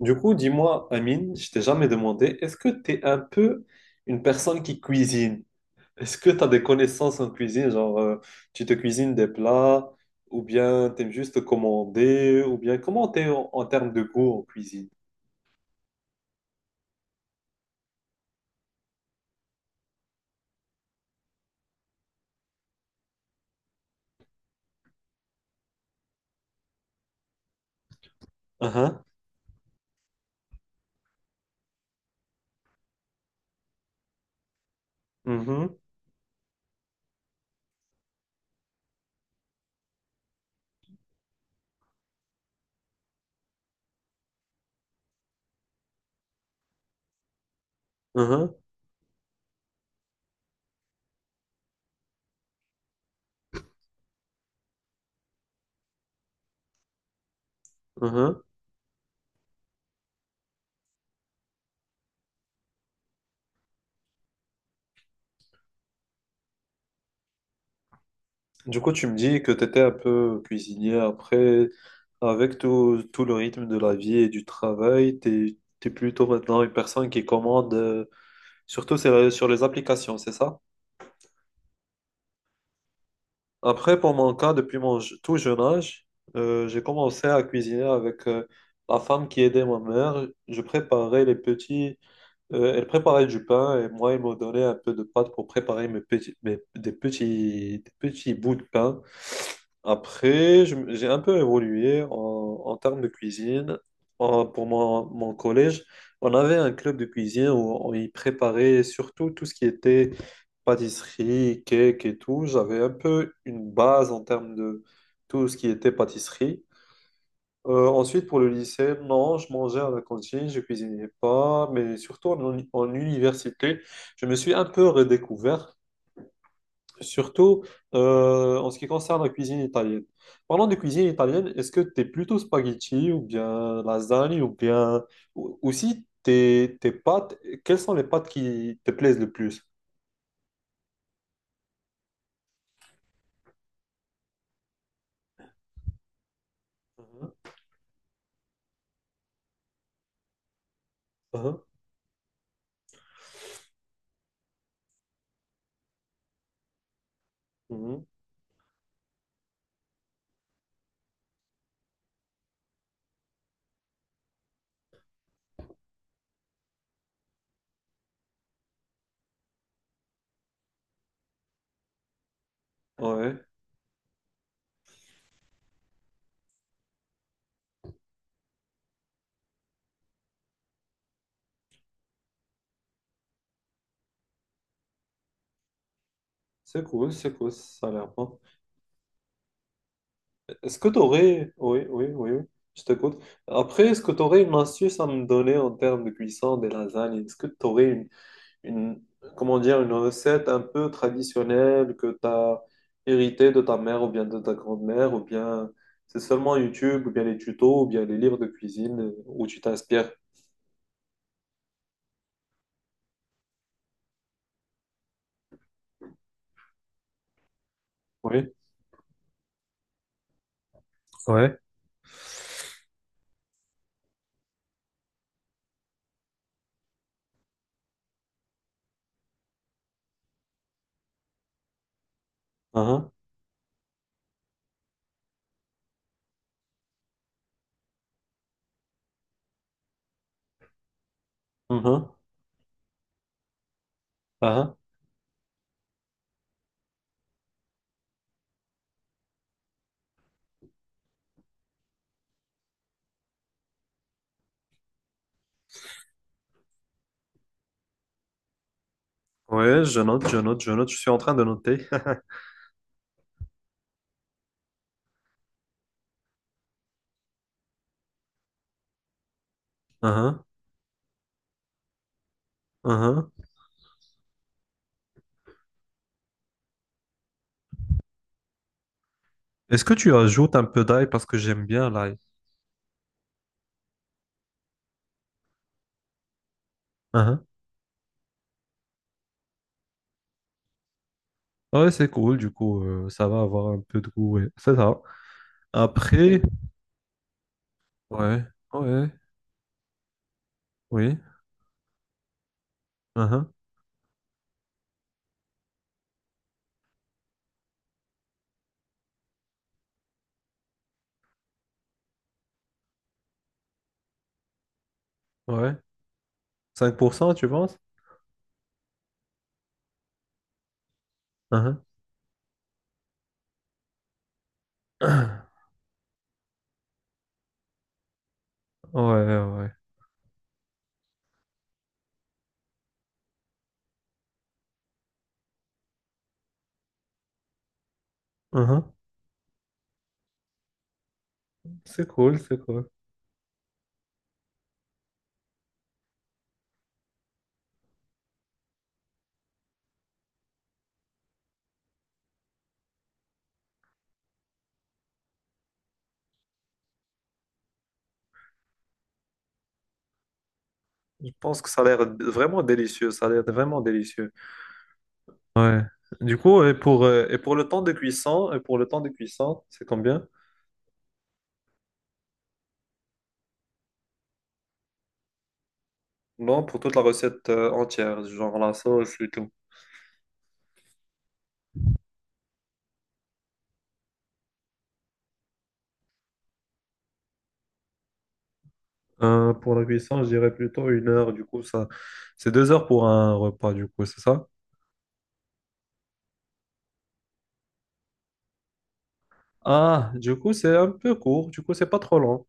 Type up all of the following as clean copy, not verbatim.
Du coup, dis-moi, Amine, je t'ai jamais demandé, est-ce que tu es un peu une personne qui cuisine? Est-ce que tu as des connaissances en cuisine? Genre, tu te cuisines des plats, ou bien t'aimes juste commander, ou bien comment t'es en termes de goût en cuisine? Uhum, uhum, uhum, uhum. Du coup, tu me dis que tu étais un peu cuisinier après, avec tout le rythme de la vie et du travail, tu es, plutôt maintenant une personne qui commande, surtout sur les applications, c'est ça? Après, pour mon cas, depuis tout jeune âge, j'ai commencé à cuisiner avec la femme qui aidait ma mère. Je préparais les petits elle préparait du pain et moi, elle me donnait un peu de pâte pour préparer mes petits, mes- des petits bouts de pain. Après, j'ai un peu évolué en termes de cuisine. Pour mon collège, on avait un club de cuisine où on y préparait surtout tout ce qui était pâtisserie, cake et tout. J'avais un peu une base en termes de tout ce qui était pâtisserie. Ensuite, pour le lycée, non, je mangeais à la cantine, je cuisinais pas, mais surtout en université, je me suis un peu redécouvert, surtout en ce qui concerne la cuisine italienne. Parlant de cuisine italienne, est-ce que tu es plutôt spaghetti ou bien lasagne ou bien aussi tes pâtes, quelles sont les pâtes qui te plaisent le plus? Mhm, mhm, mhm. Ouais, c'est cool, ça a l'air bon. Est-ce que tu aurais... Oui, oui, oui, oui, je t'écoute. Après, est-ce que tu aurais une astuce à me donner en termes de cuisson des lasagnes? Est-ce que tu aurais une- comment dire, une recette un peu traditionnelle que tu as héritée de ta mère ou bien de ta grand-mère ou bien c'est seulement YouTube ou bien les tutos ou bien les livres de cuisine où tu t'inspires? Oui. Ouais, uh-huh, uh-huh, uh-huh. Ouais, je note, je note, je note, je suis en train de noter. Uh-huh, uh-huh. Est-ce que tu ajoutes un peu d'ail parce que j'aime bien l'ail? Ouais, c'est cool, du coup, ça va avoir un peu de goût, ouais. C'est ça. Après, ouais, ouais, oui, uh-huh, ouais. 5% tu penses? Uh-huh. Ouais, ouais. Uh-huh. C'est cool, c'est cool. Je pense que ça a vraiment délicieux, ça a l'air vraiment délicieux. Ouais. Du coup, et pour le temps de cuisson, c'est combien? Non, pour toute la recette entière, genre la sauce et tout. Pour la cuisson, je dirais plutôt 1 heure, du coup, ça, c'est 2 heures pour un repas, du coup, c'est ça? Ah, du coup, c'est un peu court, du coup, c'est pas trop long.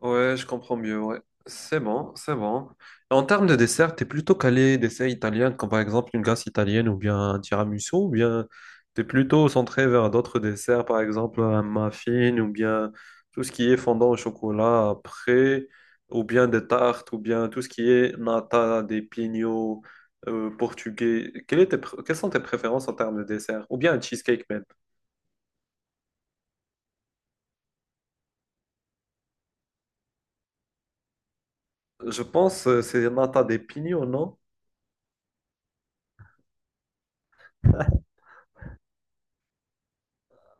Ouais, je comprends mieux, ouais. C'est bon, c'est bon. En termes de dessert, t'es plutôt calé dessert italien, comme par exemple une glace italienne ou bien un tiramisu, ou bien t'es plutôt centré vers d'autres desserts, par exemple un muffin, ou bien tout ce qui est fondant au chocolat après, ou bien des tartes, ou bien tout ce qui est nata, des pignots portugais. Quelles sont tes préférences en termes de dessert? Ou bien un cheesecake. Je pense que c'est nata de pignon, non?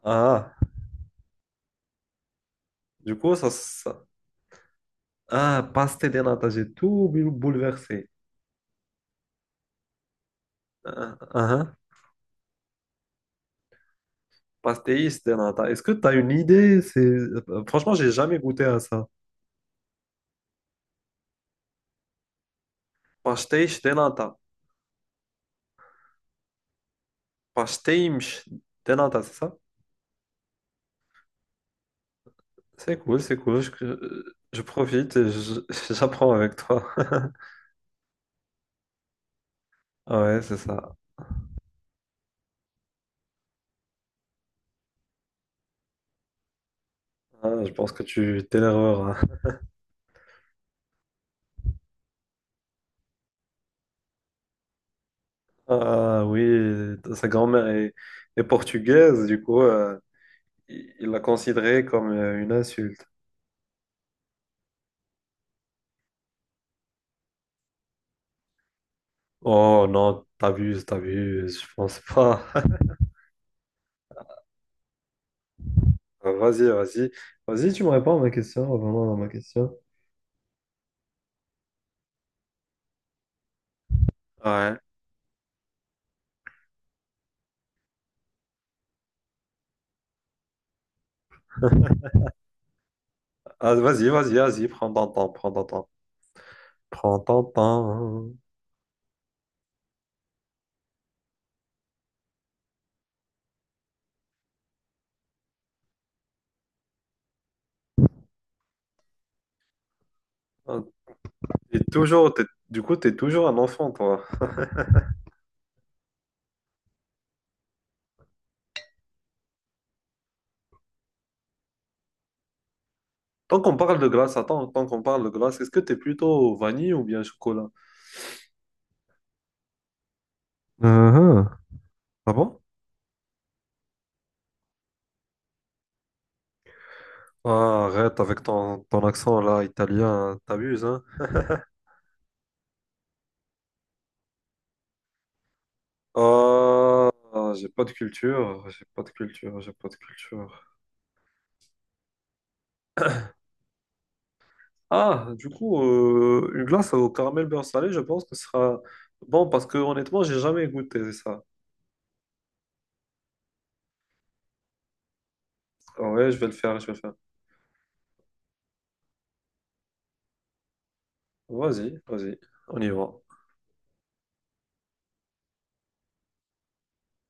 Ah, du coup, ça... Ah, pastel de nata, j'ai tout bouleversé. Ah, ah, ah. Pastéis de nata. Est-ce que tu as une idée? C'est... franchement, j'ai jamais goûté à ça. Pastéis de nata. Pastéis de nata, c'est ça? C'est cool, c'est cool. Je profite et j'apprends avec toi. Ah ouais, c'est ça. Ah, je pense que tu t'énerveras. Ah oui, sa grand-mère est, est portugaise, du coup. Il l'a considéré comme une insulte. Oh non, t'abuses, t'abuses, je pense pas. Vas-y, vas-y. Vas-y, tu me réponds à ma question. Revenons à ma question. Ouais. Ah, vas-y, vas-y, vas-y, prends ton temps, prends ton temps. Prends ton temps. Ah, du coup, t'es toujours un enfant, toi. Tant qu'on parle de glace, attends, tant qu'on parle de glace, est-ce que t'es plutôt vanille ou bien chocolat? Mhm. Ah bon? Ah, arrête avec ton accent là, italien, t'abuses, hein? Ah, j'ai pas de culture, j'ai pas de culture, j'ai pas de culture. Ah, du coup, une glace au caramel beurre salé, je pense que ce sera bon parce que honnêtement, j'ai jamais goûté ça. Ah ouais, je vais le faire, je vais le faire. Vas-y, vas-y, on y va.